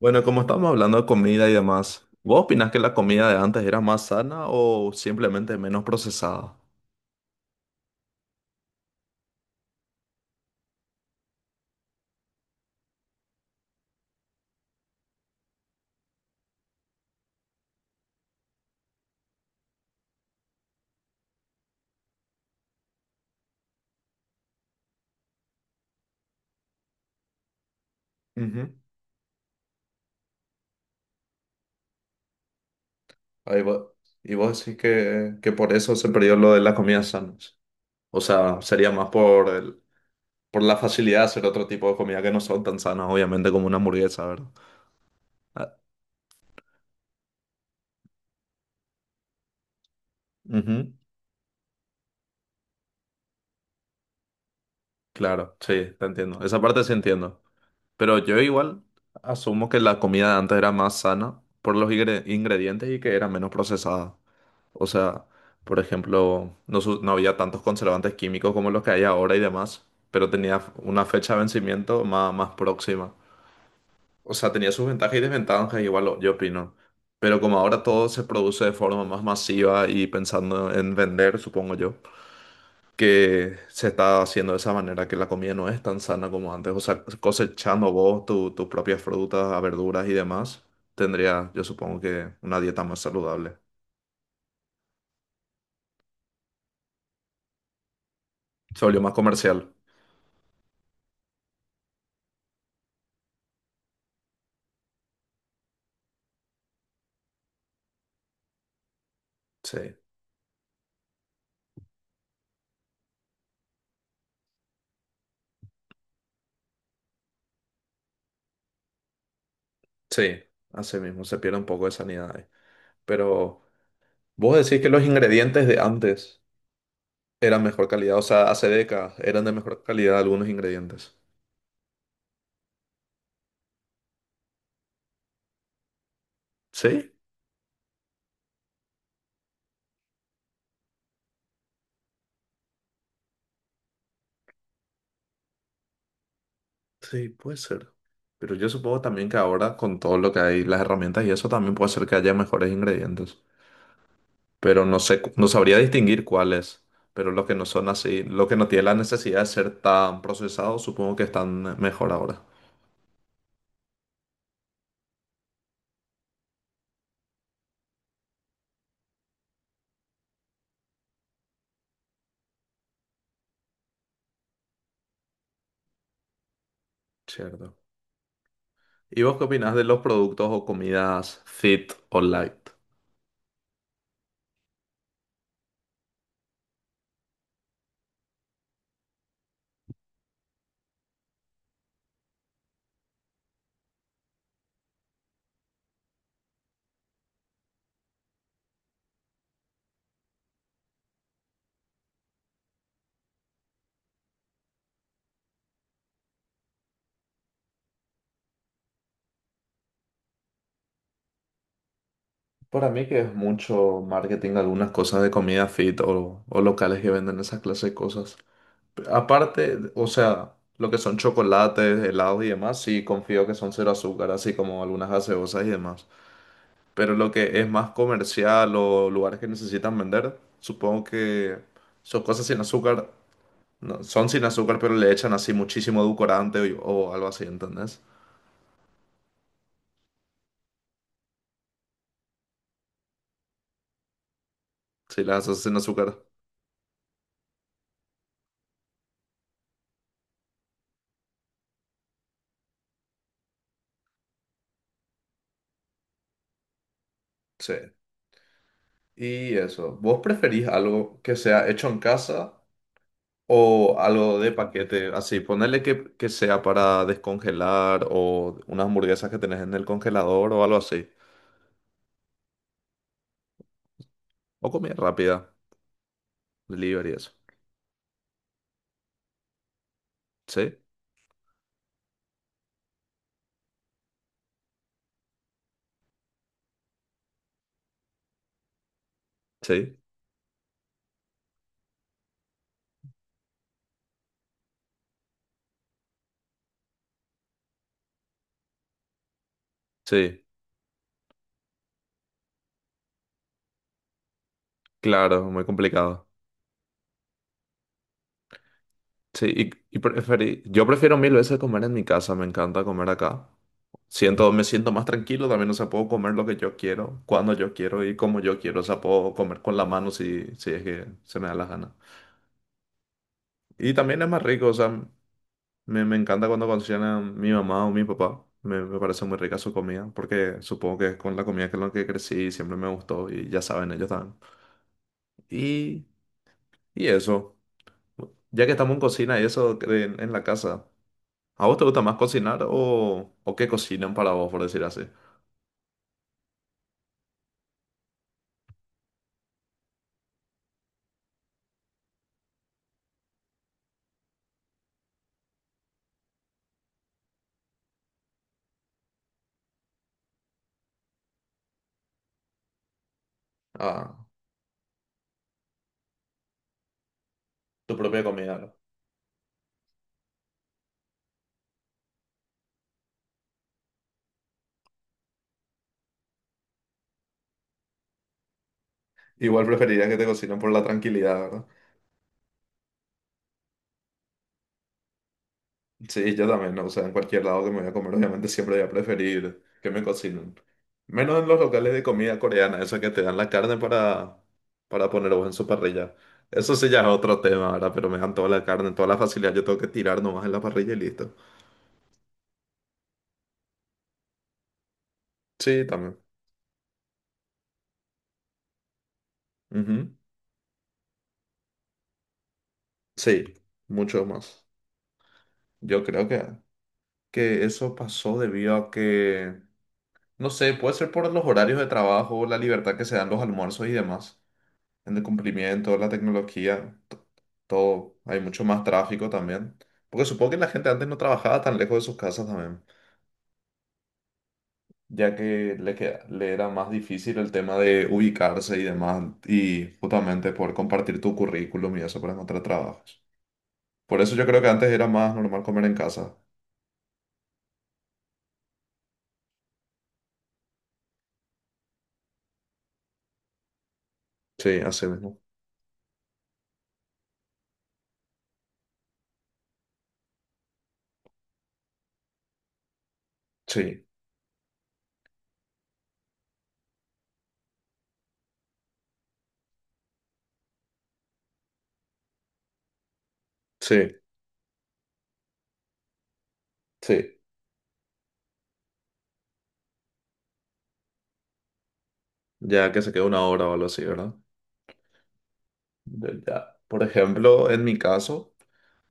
Bueno, como estamos hablando de comida y demás, ¿vos opinás que la comida de antes era más sana o simplemente menos procesada? Ujú. Ahí va. Y vos decís que por eso se perdió lo de las comidas sanas. O sea, sería más por el, por la facilidad de hacer otro tipo de comida que no son tan sanas, obviamente, como una hamburguesa, ¿verdad? Ah, ujú. Claro, sí, te entiendo. Esa parte sí entiendo. Pero yo igual asumo que la comida de antes era más sana por los ingredientes y que era menos procesada. O sea, por ejemplo, no, no había tantos conservantes químicos como los que hay ahora y demás, pero tenía una fecha de vencimiento más próxima. O sea, tenía sus ventajas y desventajas, igual, yo opino. Pero como ahora todo se produce de forma más masiva y pensando en vender, supongo yo, que se está haciendo de esa manera, que la comida no es tan sana como antes. O sea, cosechando vos tus propias frutas, verduras y demás, tendría, yo supongo que una dieta más saludable. Se volvió más comercial. Sí. Sí, así mismo, se pierde un poco de sanidad ahí. Pero vos decís que los ingredientes de antes eran mejor calidad, o sea, hace décadas eran de mejor calidad algunos ingredientes. Sí, sí, puede ser. Pero yo supongo también que ahora con todo lo que hay, las herramientas y eso también puede ser que haya mejores ingredientes. Pero no sé, no sabría distinguir cuáles. Pero los que no son así, los que no tienen la necesidad de ser tan procesados, supongo que están mejor ahora. Cierto. ¿Y vos qué opinás de los productos o comidas fit o light? Para mí que es mucho marketing, algunas cosas de comida fit o locales que venden esa clase de cosas. Aparte, o sea, lo que son chocolates, helados y demás, sí confío que son cero azúcar, así como algunas gaseosas y demás. Pero lo que es más comercial o lugares que necesitan vender, supongo que son cosas sin azúcar, no, son sin azúcar, pero le echan así muchísimo edulcorante o algo así, ¿entendés? Si las haces sin azúcar. Sí. Y eso, ¿vos preferís algo que sea hecho en casa? O algo de paquete, así, ponerle que sea para descongelar o unas hamburguesas que tenés en el congelador o algo así. O comida rápida, delivery, eso. Sí, sí, sí. Claro, muy complicado. Sí, yo prefiero mil veces comer en mi casa, me encanta comer acá. Siento, me siento más tranquilo también, o sea, puedo comer lo que yo quiero, cuando yo quiero y como yo quiero, o sea, puedo comer con la mano si es que se me da la gana. Y también es más rico, o sea, me encanta cuando cocina mi mamá o mi papá. Me parece muy rica su comida, porque supongo que es con la comida que es lo que crecí, y siempre me gustó y ya saben, ellos también. Y, y eso, ya que estamos en cocina y eso en la casa, ¿a vos te gusta más cocinar o qué cocinan para vos, por decir así? Ah, tu propia comida, ¿no? Igual preferirías que te cocinen por la tranquilidad. Sí, yo también, ¿no? O sea, en cualquier lado que me voy a comer, obviamente siempre voy a preferir que me cocinen. Menos en los locales de comida coreana, esa que te dan la carne para poner vos en su parrilla. Eso sí ya es otro tema, ¿verdad? Pero me dan toda la carne, toda la facilidad, yo tengo que tirar nomás en la parrilla y listo. Sí, también. Ujú. Sí, mucho más. Yo creo que eso pasó debido a que, no sé, puede ser por los horarios de trabajo, la libertad que se dan los almuerzos y demás, en el cumplimiento, la tecnología. Todo. Hay mucho más tráfico también. Porque supongo que la gente antes no trabajaba tan lejos de sus casas también, ya que le era más difícil el tema de ubicarse y demás, y justamente poder compartir tu currículum y eso para encontrar trabajos. Por eso yo creo que antes era más normal comer en casa. Sí, así mismo. Sí, sí, sí. Ya que se queda 1 hora o algo así, ¿verdad? Yo ya. Por ejemplo, en mi caso.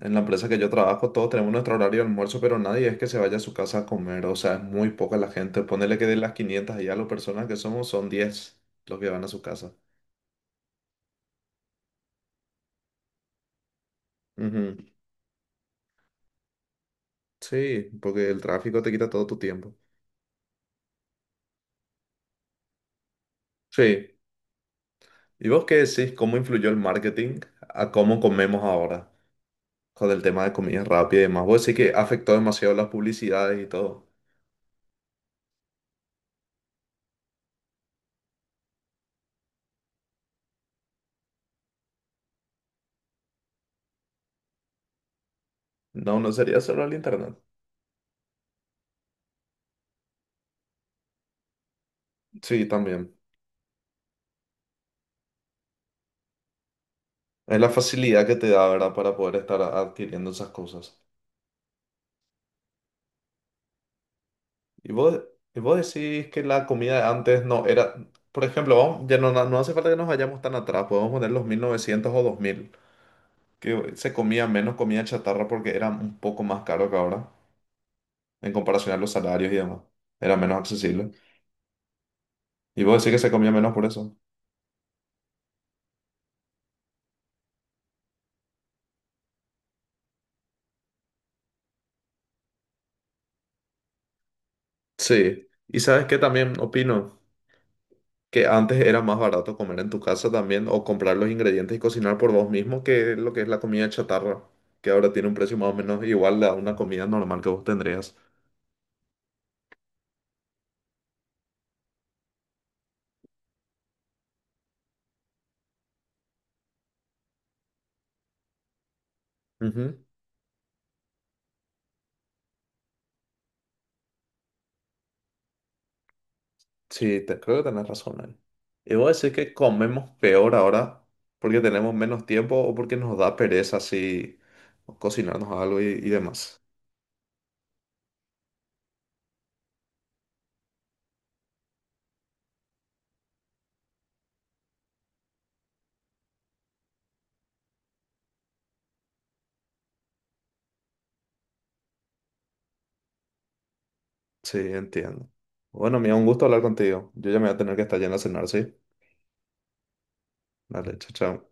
En la empresa que yo trabajo, todos tenemos nuestro horario de almuerzo, pero nadie es que se vaya a su casa a comer. O sea, es muy poca la gente. Ponele que de las 500 y las personas que somos, son 10 los que van a su casa. Ujú. Sí, porque el tráfico te quita todo tu tiempo. Sí. ¿Y vos qué decís? ¿Cómo influyó el marketing a cómo comemos ahora? Con el tema de comida rápida y demás. Vos decís que afectó demasiado las publicidades y todo. No, no sería solo el internet. Sí, también. Es la facilidad que te da, ¿verdad? Para poder estar adquiriendo esas cosas. Y vos, y vos decís que la comida de antes no era... Por ejemplo, ya no, no hace falta que nos vayamos tan atrás, podemos poner los 1900 o 2000 que se comía menos comida chatarra porque era un poco más caro que ahora, en comparación a los salarios y demás. Era menos accesible. Y vos decís que se comía menos por eso. Sí. Y sabes que también opino que antes era más barato comer en tu casa también o comprar los ingredientes y cocinar por vos mismo que lo que es la comida chatarra, que ahora tiene un precio más o menos igual a una comida normal que vos tendrías. Sí, creo que tenés razón ahí. Y voy a decir que comemos peor ahora porque tenemos menos tiempo o porque nos da pereza así cocinarnos algo y demás. Sí, entiendo. Bueno, mira, un gusto hablar contigo. Yo ya me voy a tener que estar yendo a cenar, ¿sí? Dale, chao, chao.